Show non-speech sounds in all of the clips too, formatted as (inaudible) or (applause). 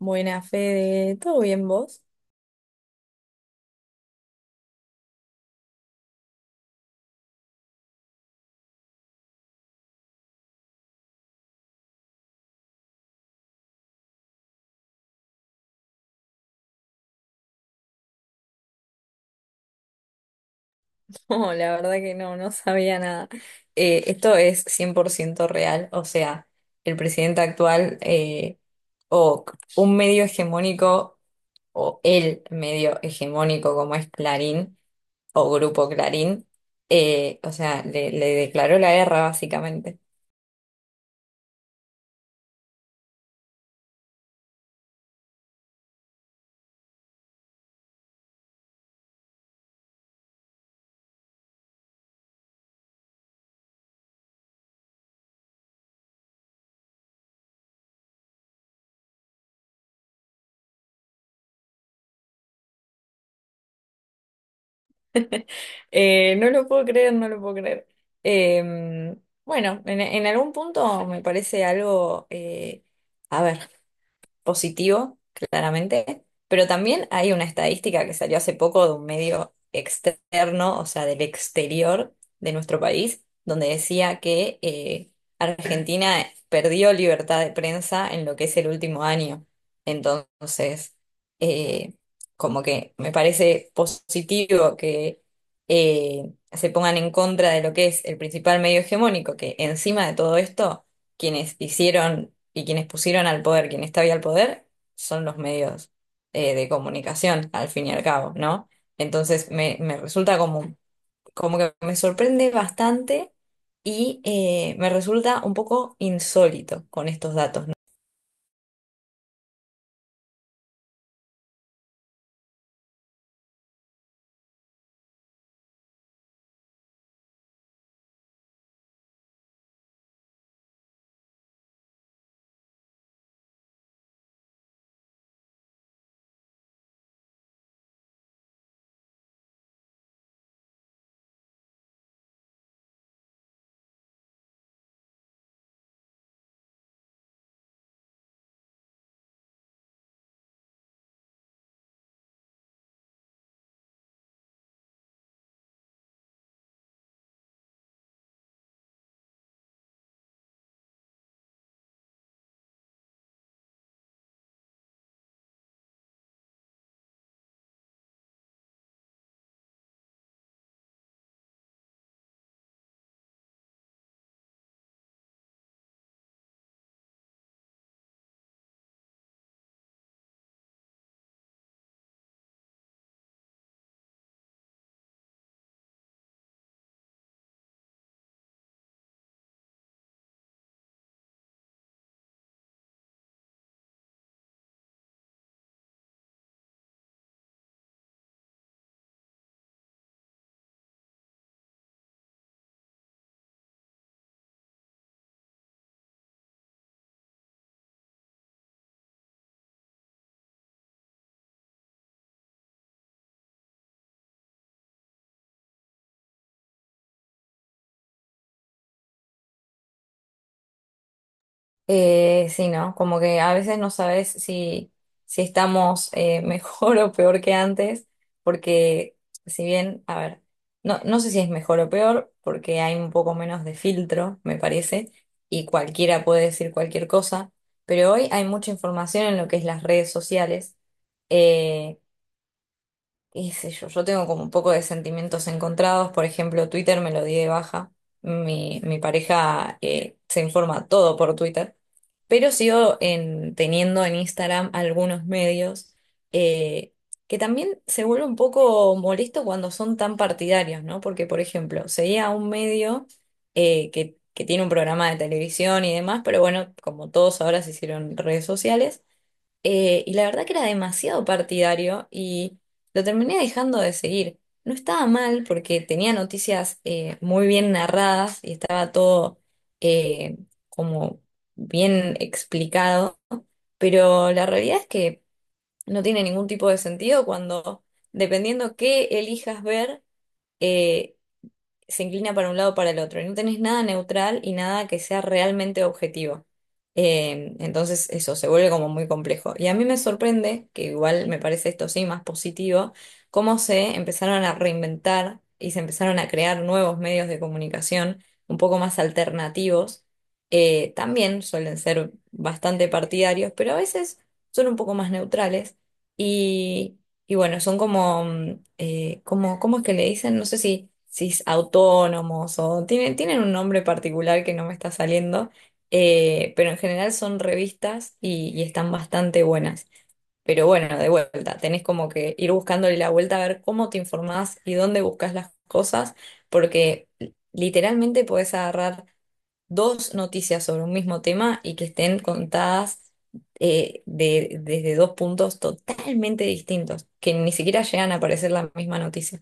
Buena, Fede. ¿Todo bien vos? (laughs) No, la verdad que no sabía nada. Esto es 100% real, o sea, el presidente actual o un medio hegemónico o el medio hegemónico como es Clarín o Grupo Clarín, o sea, le declaró la guerra básicamente. No lo puedo creer, no lo puedo creer. Eh, bueno, en algún punto me parece algo, a ver, positivo, claramente, pero también hay una estadística que salió hace poco de un medio externo, o sea, del exterior de nuestro país, donde decía que Argentina perdió libertad de prensa en lo que es el último año. Entonces, eh, como que me parece positivo que se pongan en contra de lo que es el principal medio hegemónico, que encima de todo esto quienes hicieron y quienes pusieron al poder, quien está al poder, son los medios de comunicación, al fin y al cabo, ¿no? Entonces me resulta como, como que me sorprende bastante y me resulta un poco insólito con estos datos, ¿no? Sí, ¿no? Como que a veces no sabes si estamos (laughs) mejor o peor que antes, porque si bien, a ver, no, no sé si es mejor o peor, porque hay un poco menos de filtro, me parece, y cualquiera puede decir cualquier cosa, pero hoy hay mucha información en lo que es las redes sociales. eh, Qué sé yo, yo tengo como un poco de sentimientos encontrados, por ejemplo, Twitter me lo di de baja, mi pareja se informa todo por Twitter, pero teniendo en Instagram algunos medios eh, que también se vuelve un poco molesto cuando son tan partidarios, ¿no? Porque, por ejemplo, seguía a un medio que tiene un programa de televisión y demás, pero bueno, como todos ahora se hicieron redes sociales. Y la verdad que era demasiado partidario y lo terminé dejando de seguir. No estaba mal porque tenía noticias muy bien narradas y estaba todo eh, como bien explicado, pero la realidad es que no tiene ningún tipo de sentido cuando, dependiendo qué elijas ver, eh, se inclina para un lado o para el otro. Y no tenés nada neutral y nada que sea realmente objetivo. Entonces eso se vuelve como muy complejo. Y a mí me sorprende, que igual me parece esto sí más positivo, cómo se empezaron a reinventar y se empezaron a crear nuevos medios de comunicación un poco más alternativos. También suelen ser bastante partidarios, pero a veces son un poco más neutrales. y bueno, son como ¿cómo es que le dicen? No sé si, si es autónomos o tienen un nombre particular que no me está saliendo, pero en general son revistas y están bastante buenas. Pero bueno, de vuelta, tenés como que ir buscándole la vuelta a ver cómo te informás y dónde buscas las cosas, porque literalmente podés agarrar dos noticias sobre un mismo tema y que estén contadas desde dos puntos totalmente distintos, que ni siquiera llegan a parecer la misma noticia.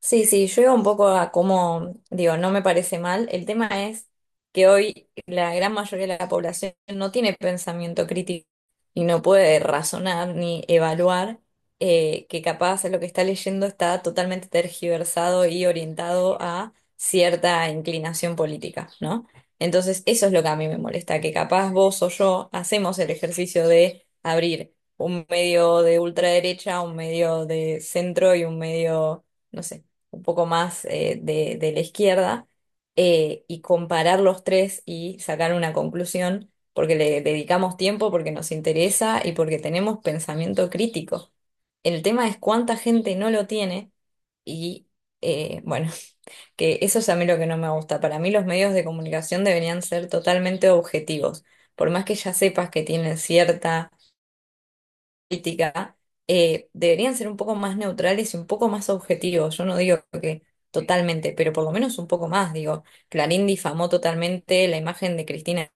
Sí, sí, yo iba un poco a cómo, digo, no me parece mal. El tema es que hoy la gran mayoría de la población no tiene pensamiento crítico y no puede razonar ni evaluar que capaz lo que está leyendo está totalmente tergiversado y orientado a cierta inclinación política, ¿no? Entonces, eso es lo que a mí me molesta, que capaz vos o yo hacemos el ejercicio de abrir un medio de ultraderecha, un medio de centro y un medio, no sé, un poco más de la izquierda, y comparar los tres y sacar una conclusión, porque le dedicamos tiempo, porque nos interesa y porque tenemos pensamiento crítico. El tema es cuánta gente no lo tiene y, bueno, (laughs) que eso es a mí lo que no me gusta. Para mí los medios de comunicación deberían ser totalmente objetivos. Por más que ya sepas que tienen cierta política deberían ser un poco más neutrales y un poco más objetivos. Yo no digo que totalmente, pero por lo menos un poco más. Digo, Clarín difamó totalmente la imagen de Cristina.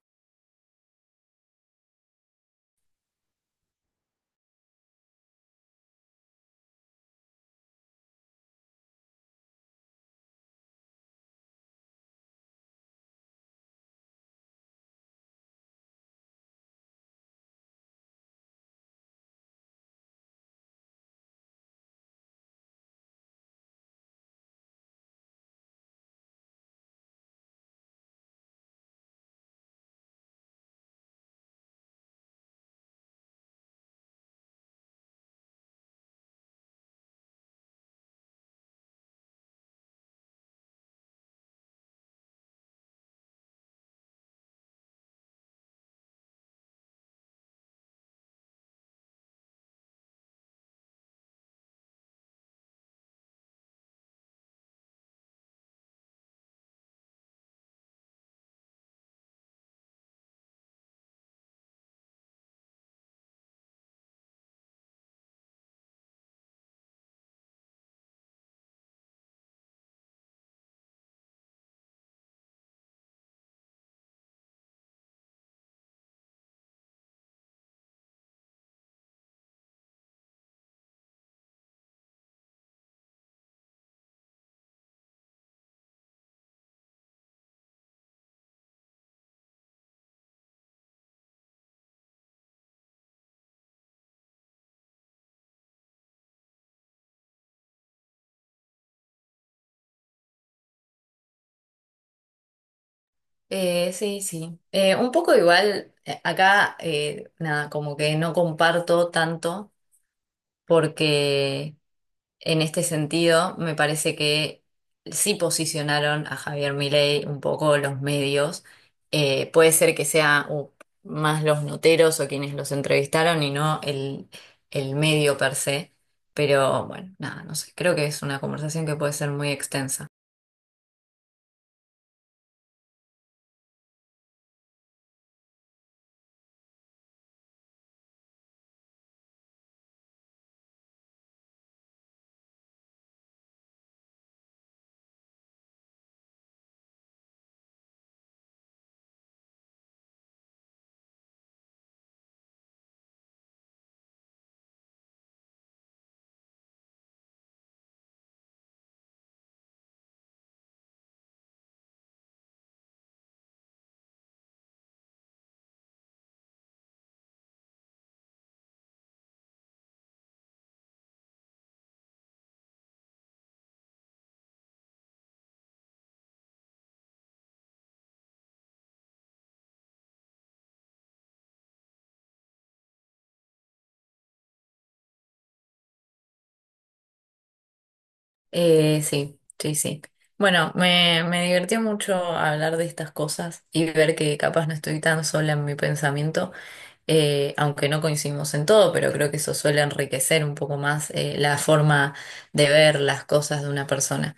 Sí, sí. Un poco igual, acá, nada, como que no comparto tanto porque... En este sentido, me parece que sí posicionaron a Javier Milei un poco los medios. Puede ser que sea más los noteros o quienes los entrevistaron y no el medio per se. Pero bueno, nada, no sé. Creo que es una conversación que puede ser muy extensa. Sí, sí, sí. Bueno, me divirtió mucho hablar de estas cosas y ver que capaz no estoy tan sola en mi pensamiento. Aunque no coincidimos en todo, pero creo que eso suele enriquecer un poco más la forma de ver las cosas de una persona.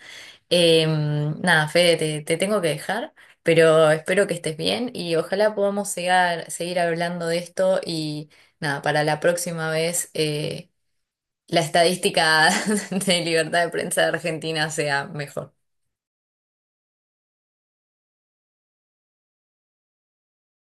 Eh, nada, Fede, te tengo que dejar, pero espero que estés bien y ojalá seguir hablando de esto y nada, para la próxima vez la estadística (laughs) de libertad de prensa de Argentina sea mejor.